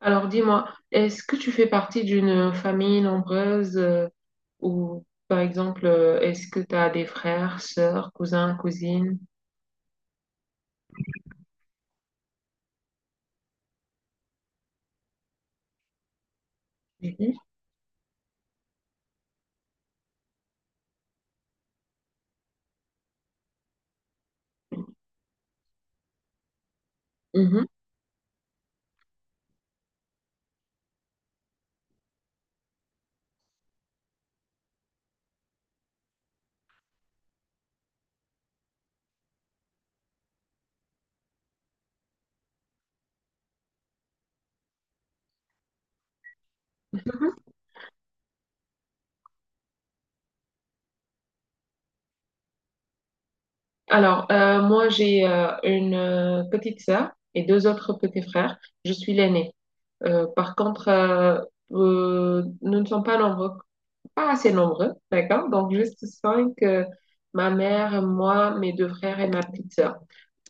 Alors dis-moi, est-ce que tu fais partie d'une famille nombreuse ou par exemple, est-ce que tu as des frères, sœurs, cousins, cousines? Mhm. Mhm. Moi j'ai une petite sœur et deux autres petits frères. Je suis l'aînée. Euh, par contre, euh, nous ne sommes pas nombreux, pas assez nombreux, d'accord? Donc, juste cinq, ma mère, moi, mes deux frères et ma petite sœur.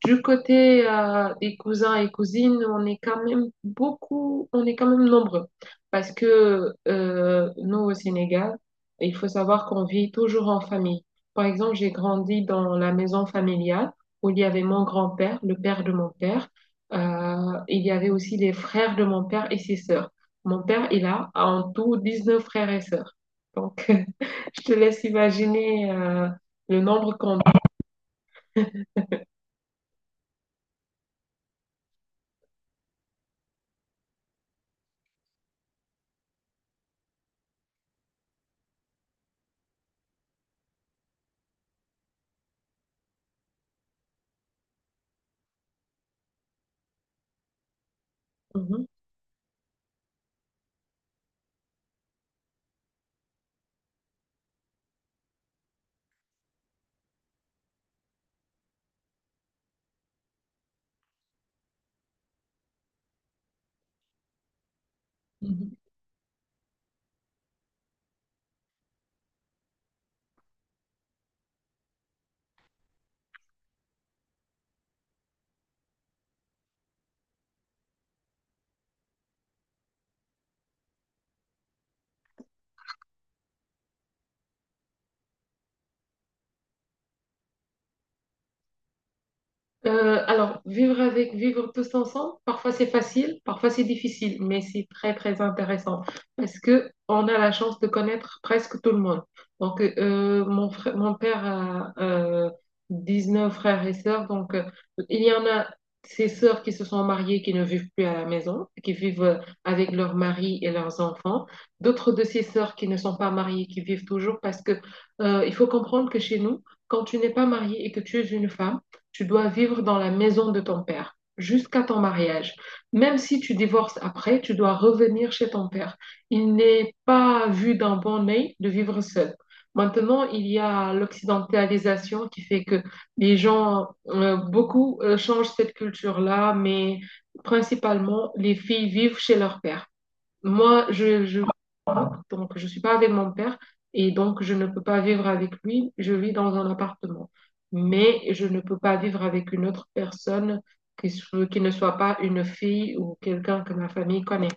Du côté des cousins et cousines, on est quand même beaucoup, on est quand même nombreux. Parce que nous, au Sénégal, il faut savoir qu'on vit toujours en famille. Par exemple, j'ai grandi dans la maison familiale où il y avait mon grand-père, le père de mon père. Il y avait aussi les frères de mon père et ses sœurs. Mon père, il a en tout 19 frères et sœurs. Donc, je te laisse imaginer le nombre qu'on... Mhm, mhm. Alors, vivre avec, vivre tous ensemble, parfois c'est facile, parfois c'est difficile, mais c'est très très intéressant parce que on a la chance de connaître presque tout le monde. Donc, mon frère, mon père a neuf frères et sœurs, donc il y en a... ses sœurs qui se sont mariées, qui ne vivent plus à la maison, qui vivent avec leur mari et leurs enfants. D'autres de ses sœurs qui ne sont pas mariées, qui vivent toujours parce que il faut comprendre que chez nous, quand tu n'es pas mariée et que tu es une femme, tu dois vivre dans la maison de ton père jusqu'à ton mariage. Même si tu divorces après, tu dois revenir chez ton père. Il n'est pas vu d'un bon œil de vivre seul. Maintenant, il y a l'occidentalisation qui fait que les gens, beaucoup changent cette culture-là, mais principalement, les filles vivent chez leur père. Moi, je donc je suis pas avec mon père et donc je ne peux pas vivre avec lui. Je vis dans un appartement, mais je ne peux pas vivre avec une autre personne qui, qui ne soit pas une fille ou quelqu'un que ma famille connaît.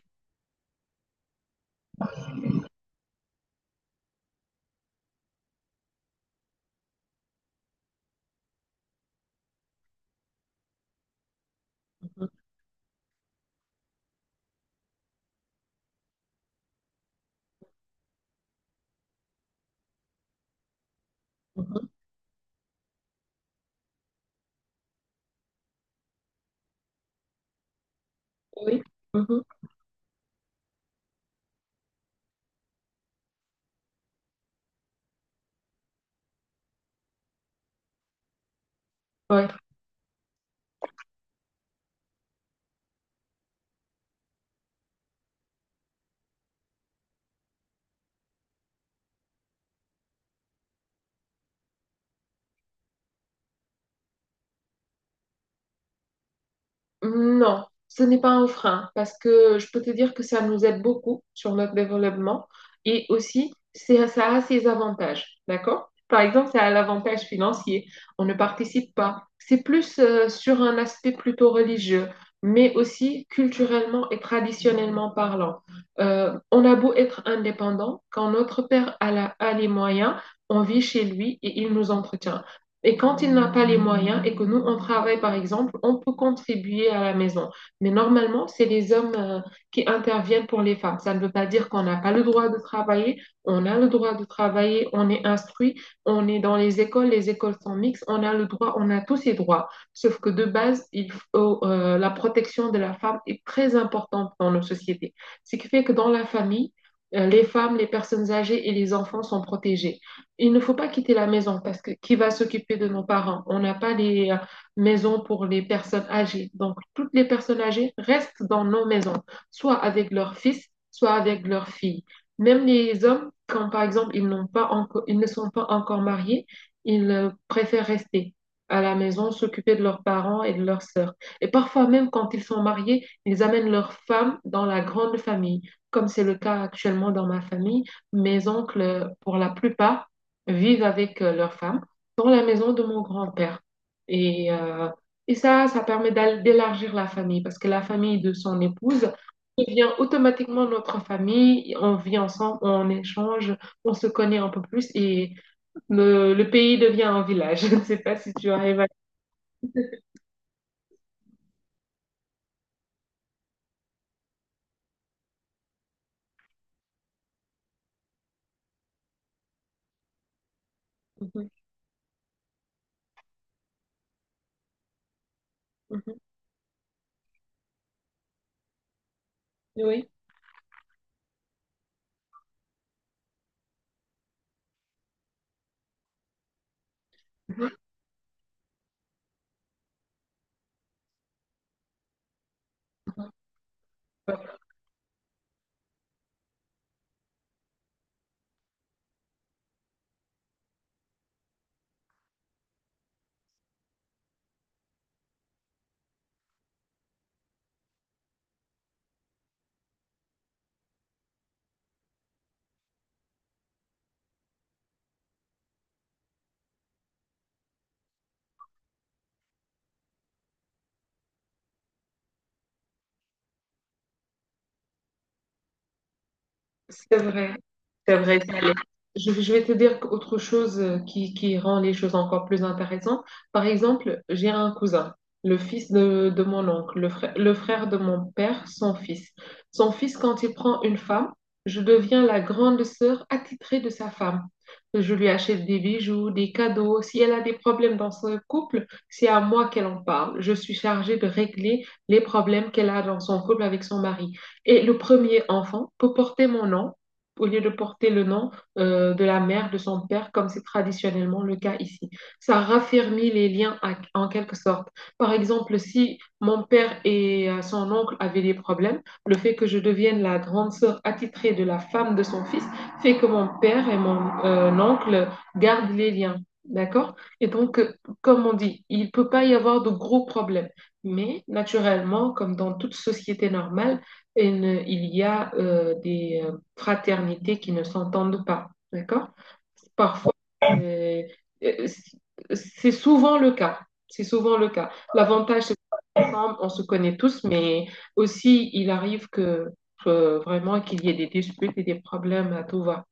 Mhm. Mhm. Oui. Mhm. Ouais. Non, ce n'est pas un frein parce que je peux te dire que ça nous aide beaucoup sur notre développement et aussi c'est, ça a ses avantages, d'accord? Par exemple, ça a l'avantage financier, on ne participe pas. C'est plus sur un aspect plutôt religieux, mais aussi culturellement et traditionnellement parlant. On a beau être indépendant, quand notre père a, a les moyens, on vit chez lui et il nous entretient. Et quand il n'a pas les moyens et que nous, on travaille, par exemple, on peut contribuer à la maison. Mais normalement, c'est les hommes qui interviennent pour les femmes. Ça ne veut pas dire qu'on n'a pas le droit de travailler. On a le droit de travailler, on est instruit, on est dans les écoles sont mixtes, on a le droit, on a tous ces droits. Sauf que de base, la protection de la femme est très importante dans nos sociétés. Ce qui fait que dans la famille, les femmes, les personnes âgées et les enfants sont protégés. Il ne faut pas quitter la maison parce que qui va s'occuper de nos parents? On n'a pas les maisons pour les personnes âgées. Donc, toutes les personnes âgées restent dans nos maisons, soit avec leurs fils, soit avec leurs filles. Même les hommes, quand par exemple ils n'ont pas encore, ils ne sont pas encore mariés, ils préfèrent rester à la maison, s'occuper de leurs parents et de leurs sœurs. Et parfois même quand ils sont mariés, ils amènent leurs femmes dans la grande famille, comme c'est le cas actuellement dans ma famille. Mes oncles, pour la plupart, vivent avec leur femme dans la maison de mon grand-père. Et, euh, et ça, ça permet d'élargir la famille parce que la famille de son épouse devient automatiquement notre famille. On vit ensemble, on échange, on se connaît un peu plus et le pays devient un village. Je ne sais pas si tu arrives à... Mhm, mhm. Oui. C'est vrai, ça l'est. Je vais te dire autre chose qui rend les choses encore plus intéressantes. Par exemple, j'ai un cousin, le fils de mon oncle, le frère de mon père, son fils. Son fils, quand il prend une femme, je deviens la grande sœur attitrée de sa femme. Je lui achète des bijoux, des cadeaux. Si elle a des problèmes dans son couple, c'est à moi qu'elle en parle. Je suis chargée de régler les problèmes qu'elle a dans son couple avec son mari. Et le premier enfant peut porter mon nom au lieu de porter le nom de la mère, de son père, comme c'est traditionnellement le cas ici. Ça raffermit les liens en quelque sorte. Par exemple, si mon père et son oncle avaient des problèmes, le fait que je devienne la grande sœur attitrée de la femme de son fils fait que mon père et mon oncle gardent les liens. D'accord? Comme on dit, il ne peut pas y avoir de gros problèmes. Mais naturellement, comme dans toute société normale, il y a des fraternités qui ne s'entendent pas, d'accord? Parfois, euh, euh, c'est souvent le cas. C'est souvent le cas. L'avantage, c'est qu'on on se connaît tous, mais aussi, il arrive que vraiment qu'il y ait des disputes et des problèmes à tout va.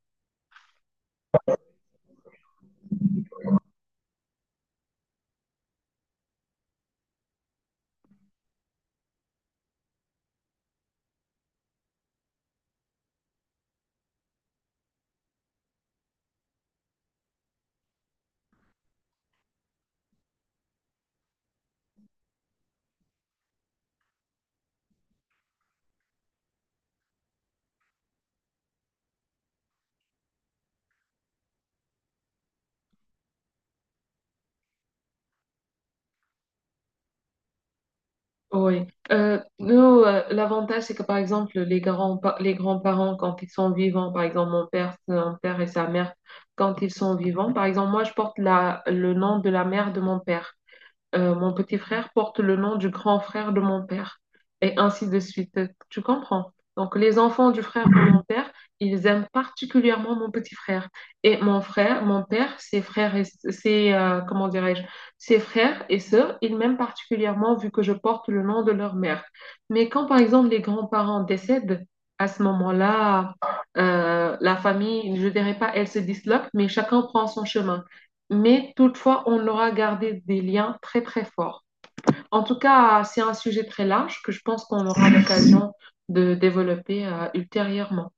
Oui. Nous, l'avantage, c'est que par exemple, les grands-parents, quand ils sont vivants, par exemple, mon père, son père et sa mère, quand ils sont vivants, par exemple, moi, je porte le nom de la mère de mon père. Mon petit frère porte le nom du grand frère de mon père, et ainsi de suite. Tu comprends? Donc, les enfants du frère de mon père, ils aiment particulièrement mon petit frère. Et mon père, ses frères et comment dirais-je, ses frères et sœurs, ils m'aiment particulièrement vu que je porte le nom de leur mère. Mais quand, par exemple, les grands-parents décèdent, à ce moment-là, la famille, je dirais pas, elle se disloque, mais chacun prend son chemin, mais toutefois, on aura gardé des liens très très forts. En tout cas, c'est un sujet très large que je pense qu'on aura l'occasion de développer ultérieurement.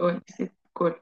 Oui, c'est cool.